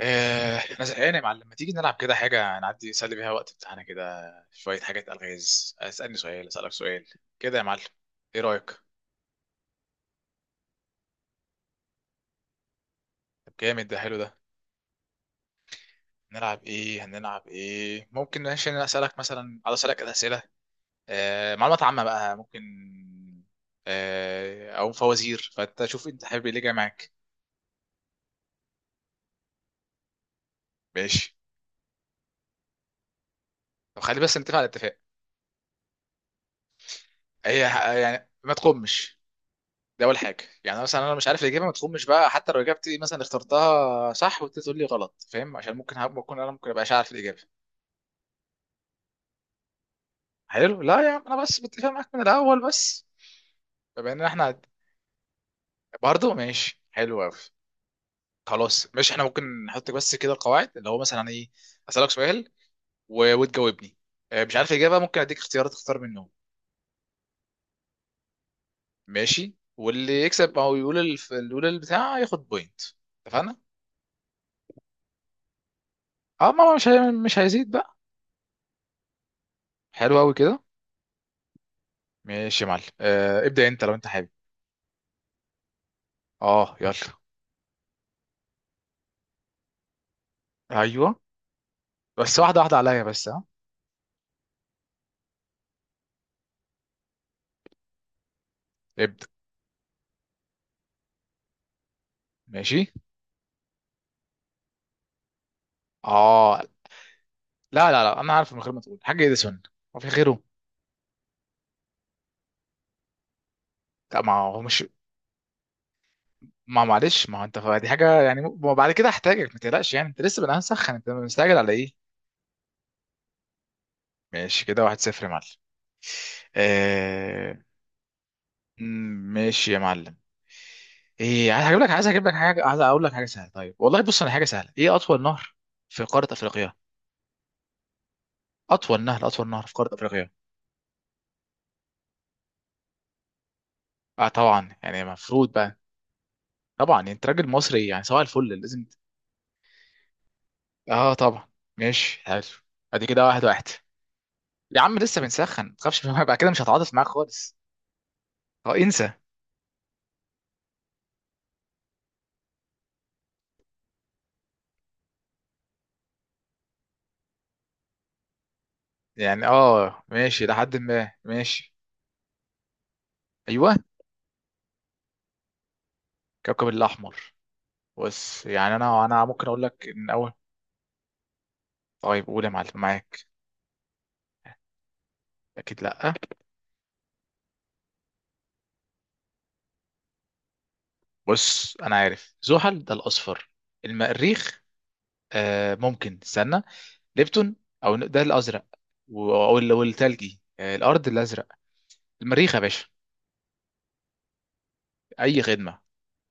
انا زهقان يا معلم، ما تيجي نلعب كده حاجه نعدي نسلي بيها وقت بتاعنا كده. شويه حاجات الغاز، اسالني سؤال اسالك سؤال كده يا معلم. ايه رايك؟ طب جامد، ده حلو ده. نلعب ايه؟ هنلعب ايه؟ ممكن ماشي انا اسالك مثلا، عايز اسالك اسئله. معلومات عامه بقى ممكن، او فوازير، فانت شوف انت حابب ايه اللي جاي معاك. ماشي. طب خلي بس نتفق على اتفاق. هي، يعني ما تقومش، دي اول حاجه. يعني مثلا انا مش عارف الاجابه ما تخمش بقى، حتى لو اجابتي مثلا اخترتها صح وانت تقول لي غلط فاهم، عشان ممكن هبقى اكون انا ممكن ابقاش عارف الاجابه. حلو، لا يا عم انا بس بتفق معاك من الاول بس. بما ان احنا، برضه ماشي حلو قوي. خلاص ماشي، احنا ممكن نحط بس كده القواعد اللي هو مثلا ايه. اسالك سؤال وتجاوبني. مش عارف الاجابه ممكن اديك اختيارات تختار منهم. ماشي، واللي يكسب او يقول اللي يقول البتاع ياخد بوينت. اتفقنا. اه، ما هو مش هيزيد بقى. حلو قوي كده. ماشي يا معلم، آه ابدأ انت لو انت حابب. اه يلا. ايوه بس واحدة واحدة عليا بس ها. ابدأ. ماشي. اه لا لا لا، انا عارف من غير ما تقول حاجة، اديسون. هو في غيره؟ لا ما هو مش. ما معلش، ما هو انت دي حاجة يعني، ما بعد كده هحتاجك ما تقلقش، يعني انت لسه بنقى مسخن، انت مستعجل على ايه؟ ماشي كده 1-0 يا معلم. آه. ماشي يا معلم. ايه عايز، هجيب لك عايز اجيب لك حاجة، عايز اقول لك حاجة سهلة. طيب والله بص انا، حاجة سهلة، ايه اطول نهر في قارة افريقيا؟ اطول نهر، اطول نهر في قارة افريقيا. اه طبعا يعني المفروض بقى. طبعا يعني انت راجل مصري، يعني سواء الفل لازم اه طبعا. ماشي حلو. ادي كده 1-1. يا عم لسه بنسخن ما تخافش منها، بقى كده مش هتعاطف معاك خالص. اه انسى. يعني اه ماشي لحد ما ماشي. ايوه. كوكب الاحمر. بص يعني انا انا ممكن اقول لك ان اول. طيب قول يا معلم معاك. اكيد لا. بص انا عارف زحل ده الاصفر. المريخ. آه ممكن استنى. ليبتون، او ده الازرق، والتلجي، الارض الازرق. المريخ يا باشا. اي خدمه.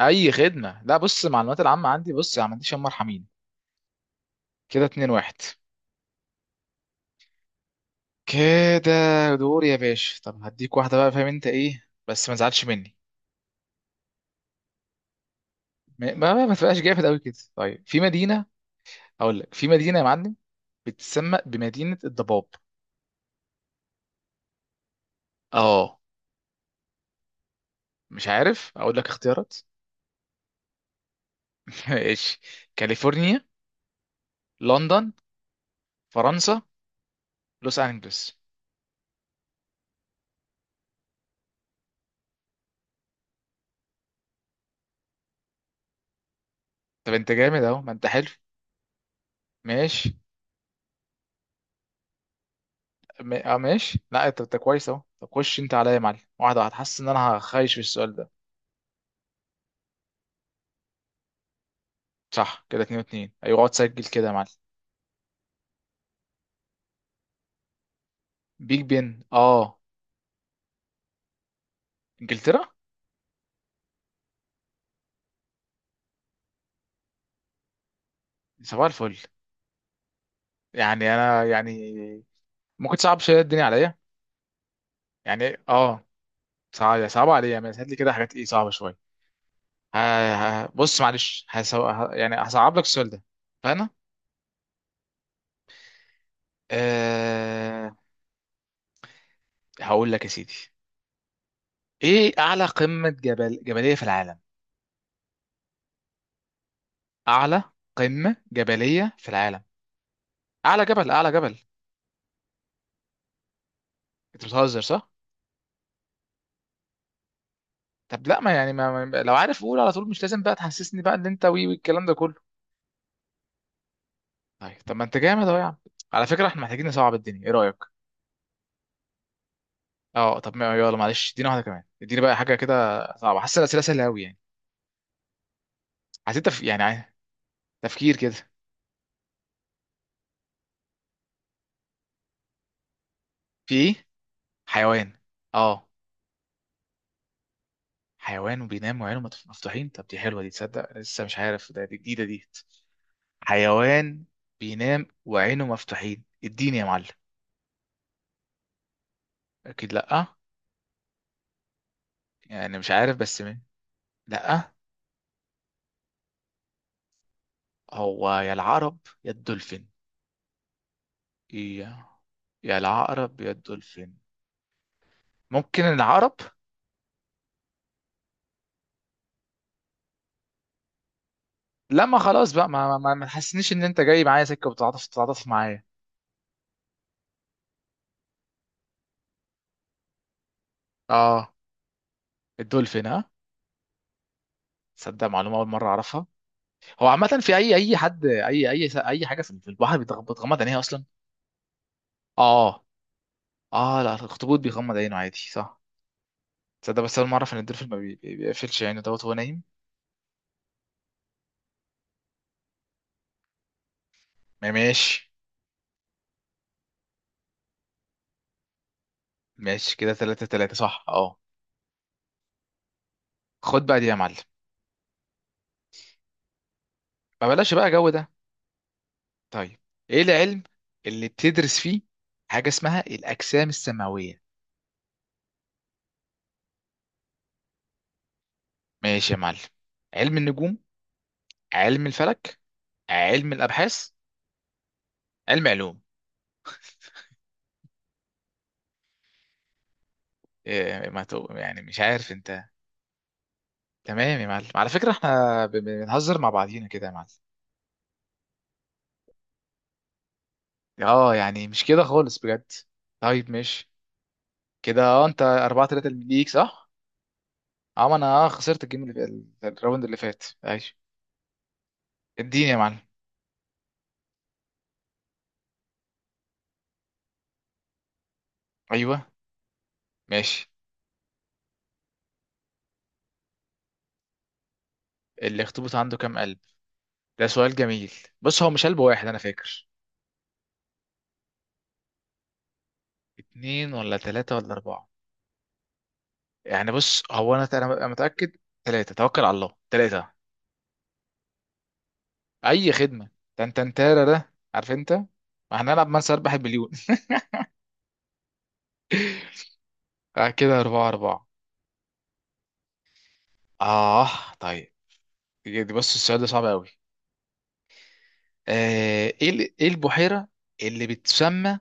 اي خدمه، لا بص المعلومات العامه عندي، بص ما عنديش هم، مرحمين. كده 2-1. كده دور يا باشا. طب هديك واحده بقى فاهم انت ايه بس ما تزعلش مني. ما تبقاش جامد قوي كده. طيب، في مدينه، اقول لك في مدينه يا معلم، بتسمى بمدينه الضباب. اه. مش عارف، اقول لك اختيارات. ماشي. كاليفورنيا، لندن، فرنسا، لوس انجلوس. طب انت جامد اهو، ما انت حلو. ماشي. اه ماشي، لا انت انت كويس اهو. طب خش انت عليا يا معلم، واحده واحده، حاسس ان انا هخايش في السؤال ده. صح كده 2-2. ايوه اقعد سجل كده يا معلم. بيج بن، اه. انجلترا. صباح الفل. يعني انا يعني، ممكن تصعب شويه الدنيا عليا. يعني اه، صعب، صعب عليا، بس هات لي كده حاجات ايه صعبه شويه. ه... بص معلش، يعني هصعب لك السؤال ده. فانا، آه... هقول لك يا سيدي، ايه اعلى قمه جبل جبليه في العالم؟ اعلى قمه جبليه في العالم. اعلى جبل، اعلى جبل. انت بتهزر صح؟ طب لا، ما يعني لو عارف قول على طول، مش لازم بقى تحسسني بقى ان انت وي والكلام ده كله. طيب، طب ما انت جامد اهو يا عم. على فكره احنا محتاجين نصعب الدنيا، ايه رايك؟ اه طب ما يلا معلش، ادينا واحده كمان، اديني بقى حاجه كده صعبه، حاسس الاسئله سهله قوي يعني. عايزين تف... يعني عايز- تفكير كده. في ايه؟ حيوان. اه. حيوان وبينام وعينه مفتوحين، طب دي حلوه دي، تصدق لسه مش عارف ده، دي جديده دي. حيوان بينام وعينه مفتوحين، اديني يا معلم. اكيد لا. يعني مش عارف بس من. لا، هو يا العقرب يا الدولفين. إيه. يا العقرب يا الدولفين. ممكن العقرب. لا ما خلاص بقى، ما تحسنيش ان انت جاي معايا سكه وبتتعاطف تتعاطف معايا. اه. الدولفين ها. تصدق معلومه اول مره اعرفها. هو عامه في اي اي حد، اي اي اي حاجه في في البحر بتغمض عينيها اصلا. اه. اه لا، الاخطبوط بيغمض عينه عادي صح. تصدق بس اول مره اعرف ان الدولفين ما بيقفلش عينه دوت وهو نايم. ما ماشي. ماشي كده 3-3 صح اه. خد بقى دي يا معلم. ما بلاش بقى جو ده. طيب، ايه العلم اللي بتدرس فيه حاجة اسمها الأجسام السماوية؟ ماشي يا معلم. علم النجوم، علم الفلك، علم الأبحاث، علم علوم. إيه ما تو... يعني مش عارف انت. تمام يا معلم، على فكرة احنا بنهزر مع بعضينا كده يا معلم. اه يعني مش كده خالص بجد. طيب ماشي. كده اه انت 4-3 ليك صح؟ اه ما انا خسرت الجيم اللي الراوند اللي فات. ماشي. اديني يا معلم. ايوه. ماشي. الاخطبوط عنده كام قلب؟ ده سؤال جميل. بص هو مش قلب واحد انا فاكر. 2 ولا 3 ولا 4. يعني بص هو انا أنا متأكد، تلاتة، توكل على الله، تلاتة. اي خدمة. تنتنتارا ده، عارف انت، ما هنلعب من سيربح المليون. آه كده 4-4. اه. طيب، دي دي بص السؤال ده صعب قوي. آه، ايه البحيرة اللي بتسمى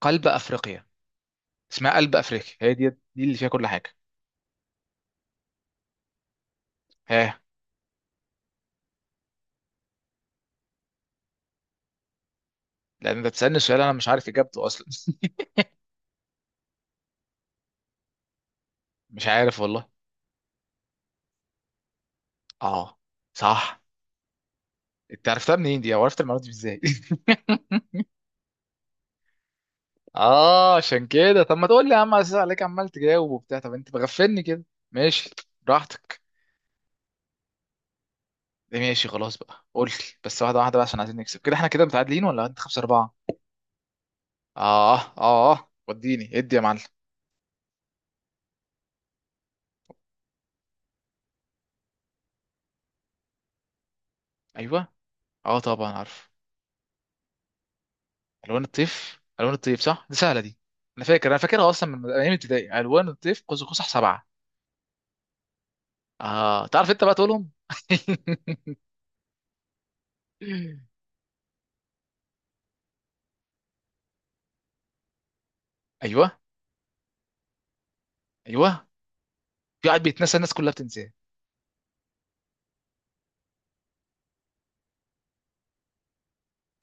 قلب افريقيا؟ اسمها قلب افريقيا، هي دي دي اللي فيها كل حاجة. ها. لان انت بتسألني سؤال انا مش عارف اجابته اصلا. مش عارف والله. اه. صح. انت عرفتها منين دي او عرفت المعلومه دي ازاي؟ اه عشان كده، طب ما تقول لي يا عم، على اساس عليك عمال تجاوب وبتاع، طب انت مغفلني كده. ماشي. براحتك. ماشي، خلاص بقى قول لي بس واحده واحده بقى، عشان عايزين نكسب كده، احنا كده متعادلين ولا انت 5-4؟ اه وديني ادي يا معلم. ايوه. اه طبعا عارف. الوان الطيف، الوان الطيف، صح دي سهله دي. انا فاكر، انا فاكرها اصلا من ايام ابتدائي، الوان الطيف قوس قزح 7. اه تعرف انت بقى تقولهم. ايوه. ايوه. قاعد بيتنسى، الناس كلها بتنساه.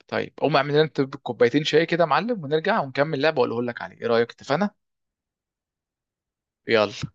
طيب قوم اعمل لنا انت كوبايتين شاي كده يا معلم، ونرجع ونكمل لعبه واقول لك عليه، ايه رايك؟ اتفقنا. يلا.